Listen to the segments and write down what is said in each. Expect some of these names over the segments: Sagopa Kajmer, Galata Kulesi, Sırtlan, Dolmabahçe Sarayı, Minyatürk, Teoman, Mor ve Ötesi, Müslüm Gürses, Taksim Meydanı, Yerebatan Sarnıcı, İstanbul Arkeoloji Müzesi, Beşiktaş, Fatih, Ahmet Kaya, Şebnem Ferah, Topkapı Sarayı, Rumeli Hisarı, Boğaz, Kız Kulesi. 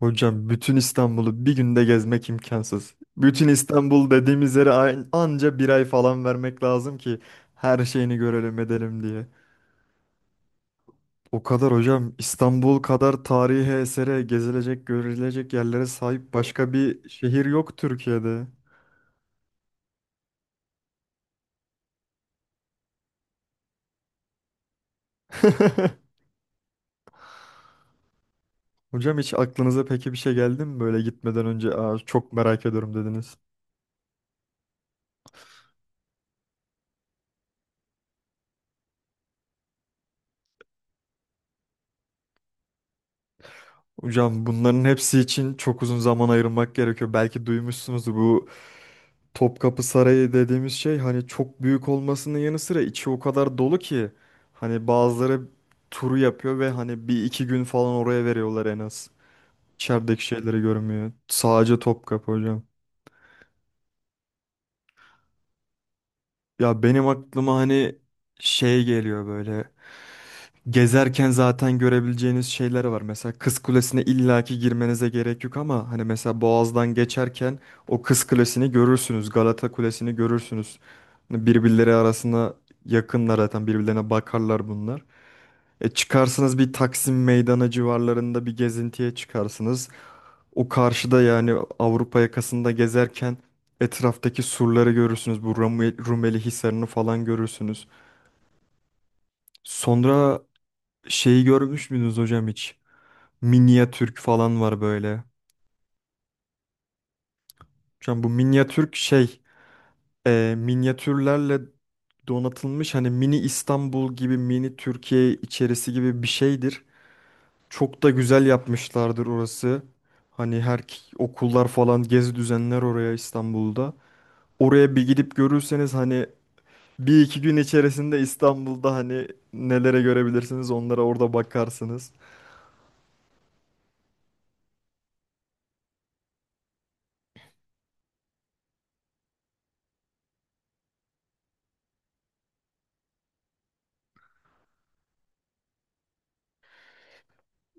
Hocam bütün İstanbul'u bir günde gezmek imkansız. Bütün İstanbul dediğimiz yere anca bir ay falan vermek lazım ki her şeyini görelim edelim diye. O kadar hocam İstanbul kadar tarihi esere gezilecek görülecek yerlere sahip başka bir şehir yok Türkiye'de. Hocam hiç aklınıza peki bir şey geldi mi böyle gitmeden önce Aa, çok merak ediyorum dediniz. Hocam bunların hepsi için çok uzun zaman ayırmak gerekiyor. Belki duymuşsunuzdur bu Topkapı Sarayı dediğimiz şey hani çok büyük olmasının yanı sıra içi o kadar dolu ki hani bazıları turu yapıyor ve hani bir iki gün falan oraya veriyorlar en az. İçerideki şeyleri görmüyor. Sadece Topkapı hocam. Ya benim aklıma hani şey geliyor böyle. Gezerken zaten görebileceğiniz şeyler var. Mesela Kız Kulesi'ne illaki girmenize gerek yok ama hani mesela Boğaz'dan geçerken o Kız Kulesi'ni görürsünüz. Galata Kulesi'ni görürsünüz. Hani birbirleri arasında yakınlar zaten birbirlerine bakarlar bunlar. E çıkarsınız bir Taksim Meydanı civarlarında bir gezintiye çıkarsınız. O karşıda yani Avrupa yakasında gezerken etraftaki surları görürsünüz. Bu Rumeli Hisarı'nı falan görürsünüz. Sonra şeyi görmüş müydünüz hocam hiç? Minyatürk falan var böyle. Şu an bu minyatürk şey minyatürlerle donatılmış hani mini İstanbul gibi mini Türkiye içerisi gibi bir şeydir. Çok da güzel yapmışlardır orası. Hani her okullar falan gezi düzenler oraya İstanbul'da. Oraya bir gidip görürseniz hani bir iki gün içerisinde İstanbul'da hani nelere görebilirsiniz onlara orada bakarsınız.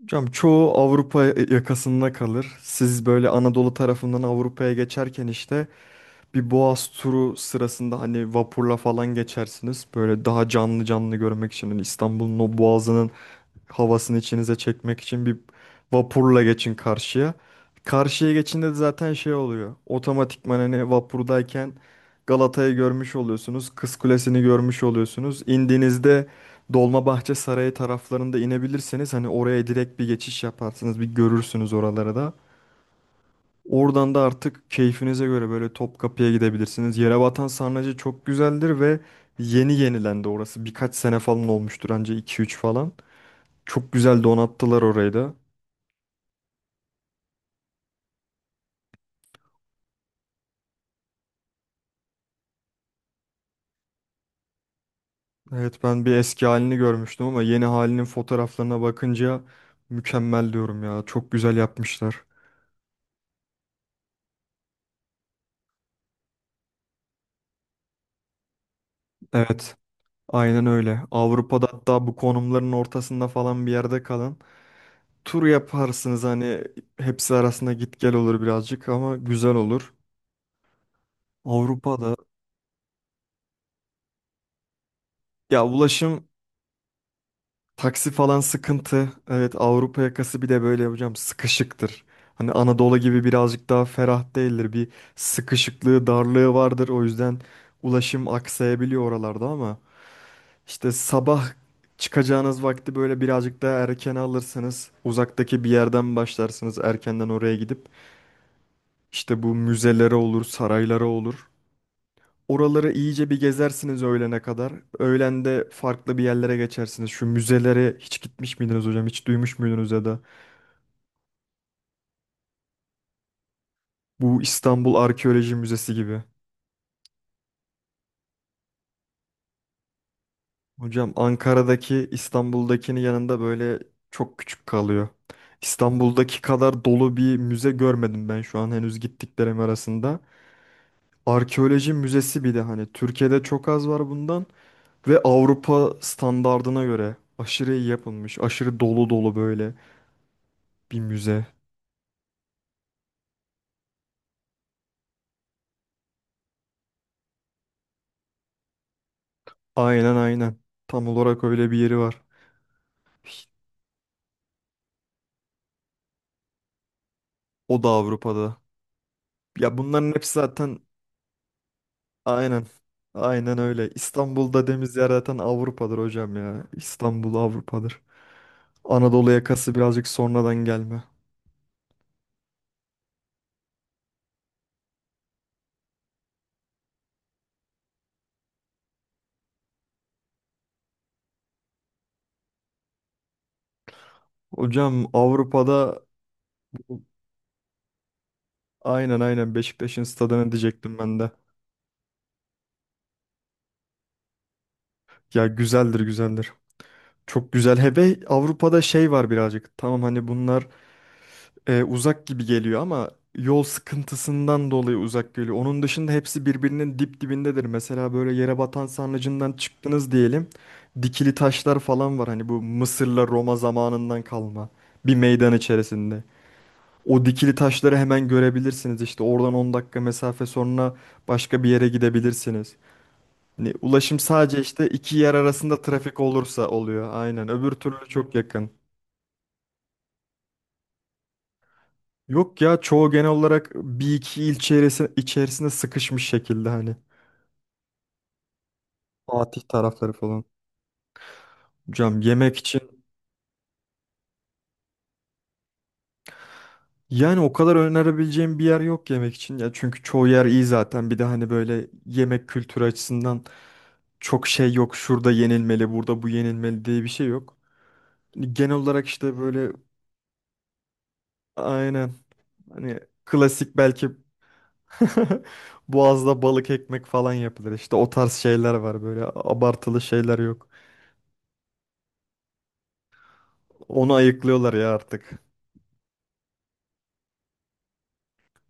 Hocam çoğu Avrupa yakasında kalır. Siz böyle Anadolu tarafından Avrupa'ya geçerken işte bir Boğaz turu sırasında hani vapurla falan geçersiniz. Böyle daha canlı canlı görmek için hani İstanbul'un o boğazının havasını içinize çekmek için bir vapurla geçin karşıya. Karşıya geçinde de zaten şey oluyor. Otomatikman hani vapurdayken Galata'yı görmüş oluyorsunuz. Kız Kulesi'ni görmüş oluyorsunuz. İndiğinizde Dolmabahçe Sarayı taraflarında inebilirseniz hani oraya direkt bir geçiş yaparsınız. Bir görürsünüz oraları da. Oradan da artık keyfinize göre böyle Topkapı'ya gidebilirsiniz. Yerebatan Sarnıcı çok güzeldir ve yeni yenilendi orası. Birkaç sene falan olmuştur anca iki üç falan. Çok güzel donattılar orayı da. Evet ben bir eski halini görmüştüm ama yeni halinin fotoğraflarına bakınca mükemmel diyorum ya. Çok güzel yapmışlar. Evet, aynen öyle. Avrupa'da hatta bu konumların ortasında falan bir yerde kalın. Tur yaparsınız hani hepsi arasında git gel olur birazcık ama güzel olur. Avrupa'da ya ulaşım taksi falan sıkıntı. Evet Avrupa yakası bir de böyle hocam sıkışıktır. Hani Anadolu gibi birazcık daha ferah değildir. Bir sıkışıklığı, darlığı vardır. O yüzden ulaşım aksayabiliyor oralarda ama işte sabah çıkacağınız vakti böyle birazcık daha erken alırsanız uzaktaki bir yerden başlarsınız erkenden oraya gidip işte bu müzelere olur, saraylara olur. Oraları iyice bir gezersiniz öğlene kadar. Öğlen de farklı bir yerlere geçersiniz. Şu müzelere hiç gitmiş miydiniz hocam? Hiç duymuş muydunuz ya da? Bu İstanbul Arkeoloji Müzesi gibi. Hocam Ankara'daki İstanbul'dakinin yanında böyle çok küçük kalıyor. İstanbul'daki kadar dolu bir müze görmedim ben şu an henüz gittiklerim arasında. Arkeoloji müzesi bir de hani Türkiye'de çok az var bundan ve Avrupa standardına göre aşırı iyi yapılmış, aşırı dolu dolu böyle bir müze. Aynen aynen. Tam olarak öyle bir yeri var. O da Avrupa'da. Ya bunların hepsi zaten aynen. Aynen öyle. İstanbul'da dediğimiz yer zaten Avrupa'dır hocam ya. İstanbul Avrupa'dır. Anadolu yakası birazcık sonradan gelme. Hocam Avrupa'da aynen aynen Beşiktaş'ın stadını diyecektim ben de. Ya güzeldir güzeldir. Çok güzel. Hebe Avrupa'da şey var birazcık. Tamam hani bunlar uzak gibi geliyor ama yol sıkıntısından dolayı uzak geliyor. Onun dışında hepsi birbirinin dip dibindedir. Mesela böyle yere batan sarnıcından çıktınız diyelim. Dikili taşlar falan var. Hani bu Mısır'la Roma zamanından kalma bir meydan içerisinde. O dikili taşları hemen görebilirsiniz. İşte oradan 10 dakika mesafe sonra başka bir yere gidebilirsiniz. Hani ulaşım sadece işte iki yer arasında trafik olursa oluyor. Aynen. Öbür türlü çok yakın. Yok ya çoğu genel olarak bir iki il içerisinde sıkışmış şekilde hani Fatih tarafları falan. Hocam yemek için yani o kadar önerebileceğim bir yer yok yemek için ya çünkü çoğu yer iyi zaten bir de hani böyle yemek kültürü açısından çok şey yok şurada yenilmeli burada bu yenilmeli diye bir şey yok. Hani genel olarak işte böyle aynen hani klasik belki Boğaz'da balık ekmek falan yapılır işte o tarz şeyler var böyle abartılı şeyler yok. Onu ayıklıyorlar ya artık.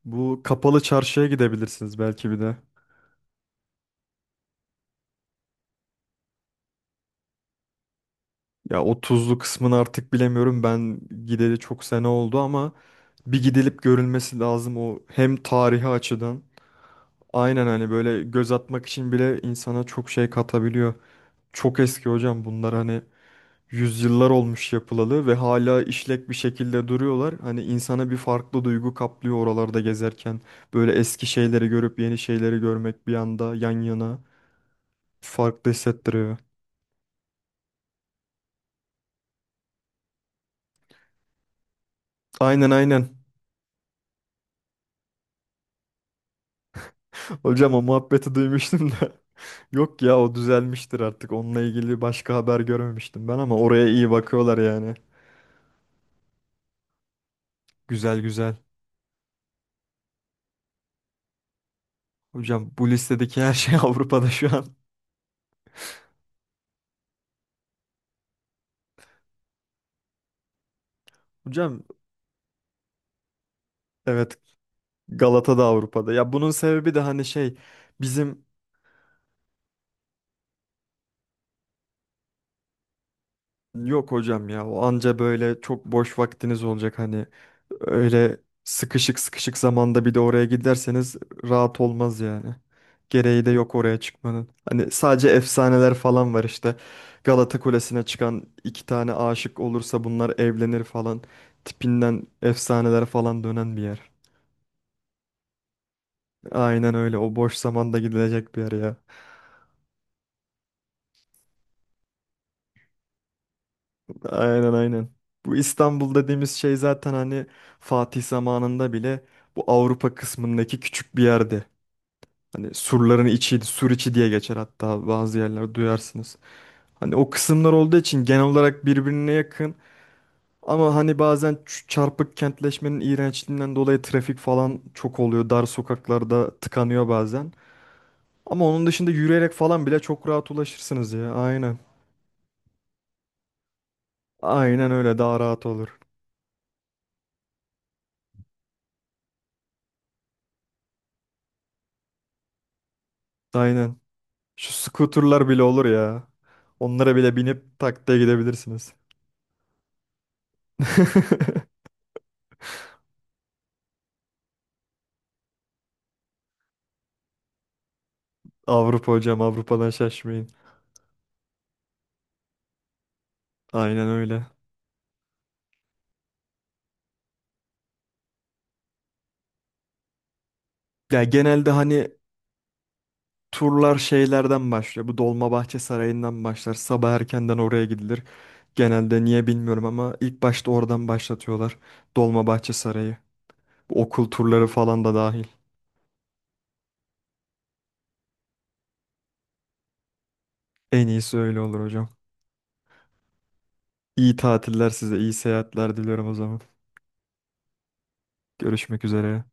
Bu kapalı çarşıya gidebilirsiniz belki bir de. Ya o tuzlu kısmını artık bilemiyorum. Ben gideli çok sene oldu ama bir gidilip görülmesi lazım o hem tarihi açıdan. Aynen hani böyle göz atmak için bile insana çok şey katabiliyor. Çok eski hocam bunlar hani yüzyıllar olmuş yapılalı ve hala işlek bir şekilde duruyorlar. Hani insana bir farklı duygu kaplıyor oralarda gezerken. Böyle eski şeyleri görüp yeni şeyleri görmek bir anda yan yana farklı hissettiriyor. Aynen aynen. Hocam o muhabbeti duymuştum da. Yok ya o düzelmiştir artık. Onunla ilgili başka haber görmemiştim ben ama oraya iyi bakıyorlar yani. Güzel güzel. Hocam bu listedeki her şey Avrupa'da şu an. Hocam evet Galata da Avrupa'da. Ya bunun sebebi de hani şey bizim yok hocam ya o anca böyle çok boş vaktiniz olacak hani öyle sıkışık sıkışık zamanda bir de oraya giderseniz rahat olmaz yani. Gereği de yok oraya çıkmanın. Hani sadece efsaneler falan var işte. Galata Kulesi'ne çıkan iki tane aşık olursa bunlar evlenir falan tipinden efsaneler falan dönen bir yer. Aynen öyle. O boş zamanda gidilecek bir yer ya. Aynen aynen. Bu İstanbul dediğimiz şey zaten hani Fatih zamanında bile bu Avrupa kısmındaki küçük bir yerdi. Hani surların içiydi, sur içi diye geçer hatta bazı yerler duyarsınız. Hani o kısımlar olduğu için genel olarak birbirine yakın ama hani bazen çarpık kentleşmenin iğrençliğinden dolayı trafik falan çok oluyor. Dar sokaklarda tıkanıyor bazen. Ama onun dışında yürüyerek falan bile çok rahat ulaşırsınız ya. Aynen. Aynen öyle daha rahat olur. Aynen. Şu scooterlar bile olur ya. Onlara bile binip tak diye gidebilirsiniz. Avrupa hocam, Avrupa'dan şaşmayın. Aynen öyle. Ya genelde hani turlar şeylerden başlıyor. Bu Dolmabahçe Sarayı'ndan başlar. Sabah erkenden oraya gidilir. Genelde niye bilmiyorum ama ilk başta oradan başlatıyorlar. Dolmabahçe Sarayı. Bu okul turları falan da dahil. En iyisi öyle olur hocam. İyi tatiller size, iyi seyahatler diliyorum o zaman. Görüşmek üzere.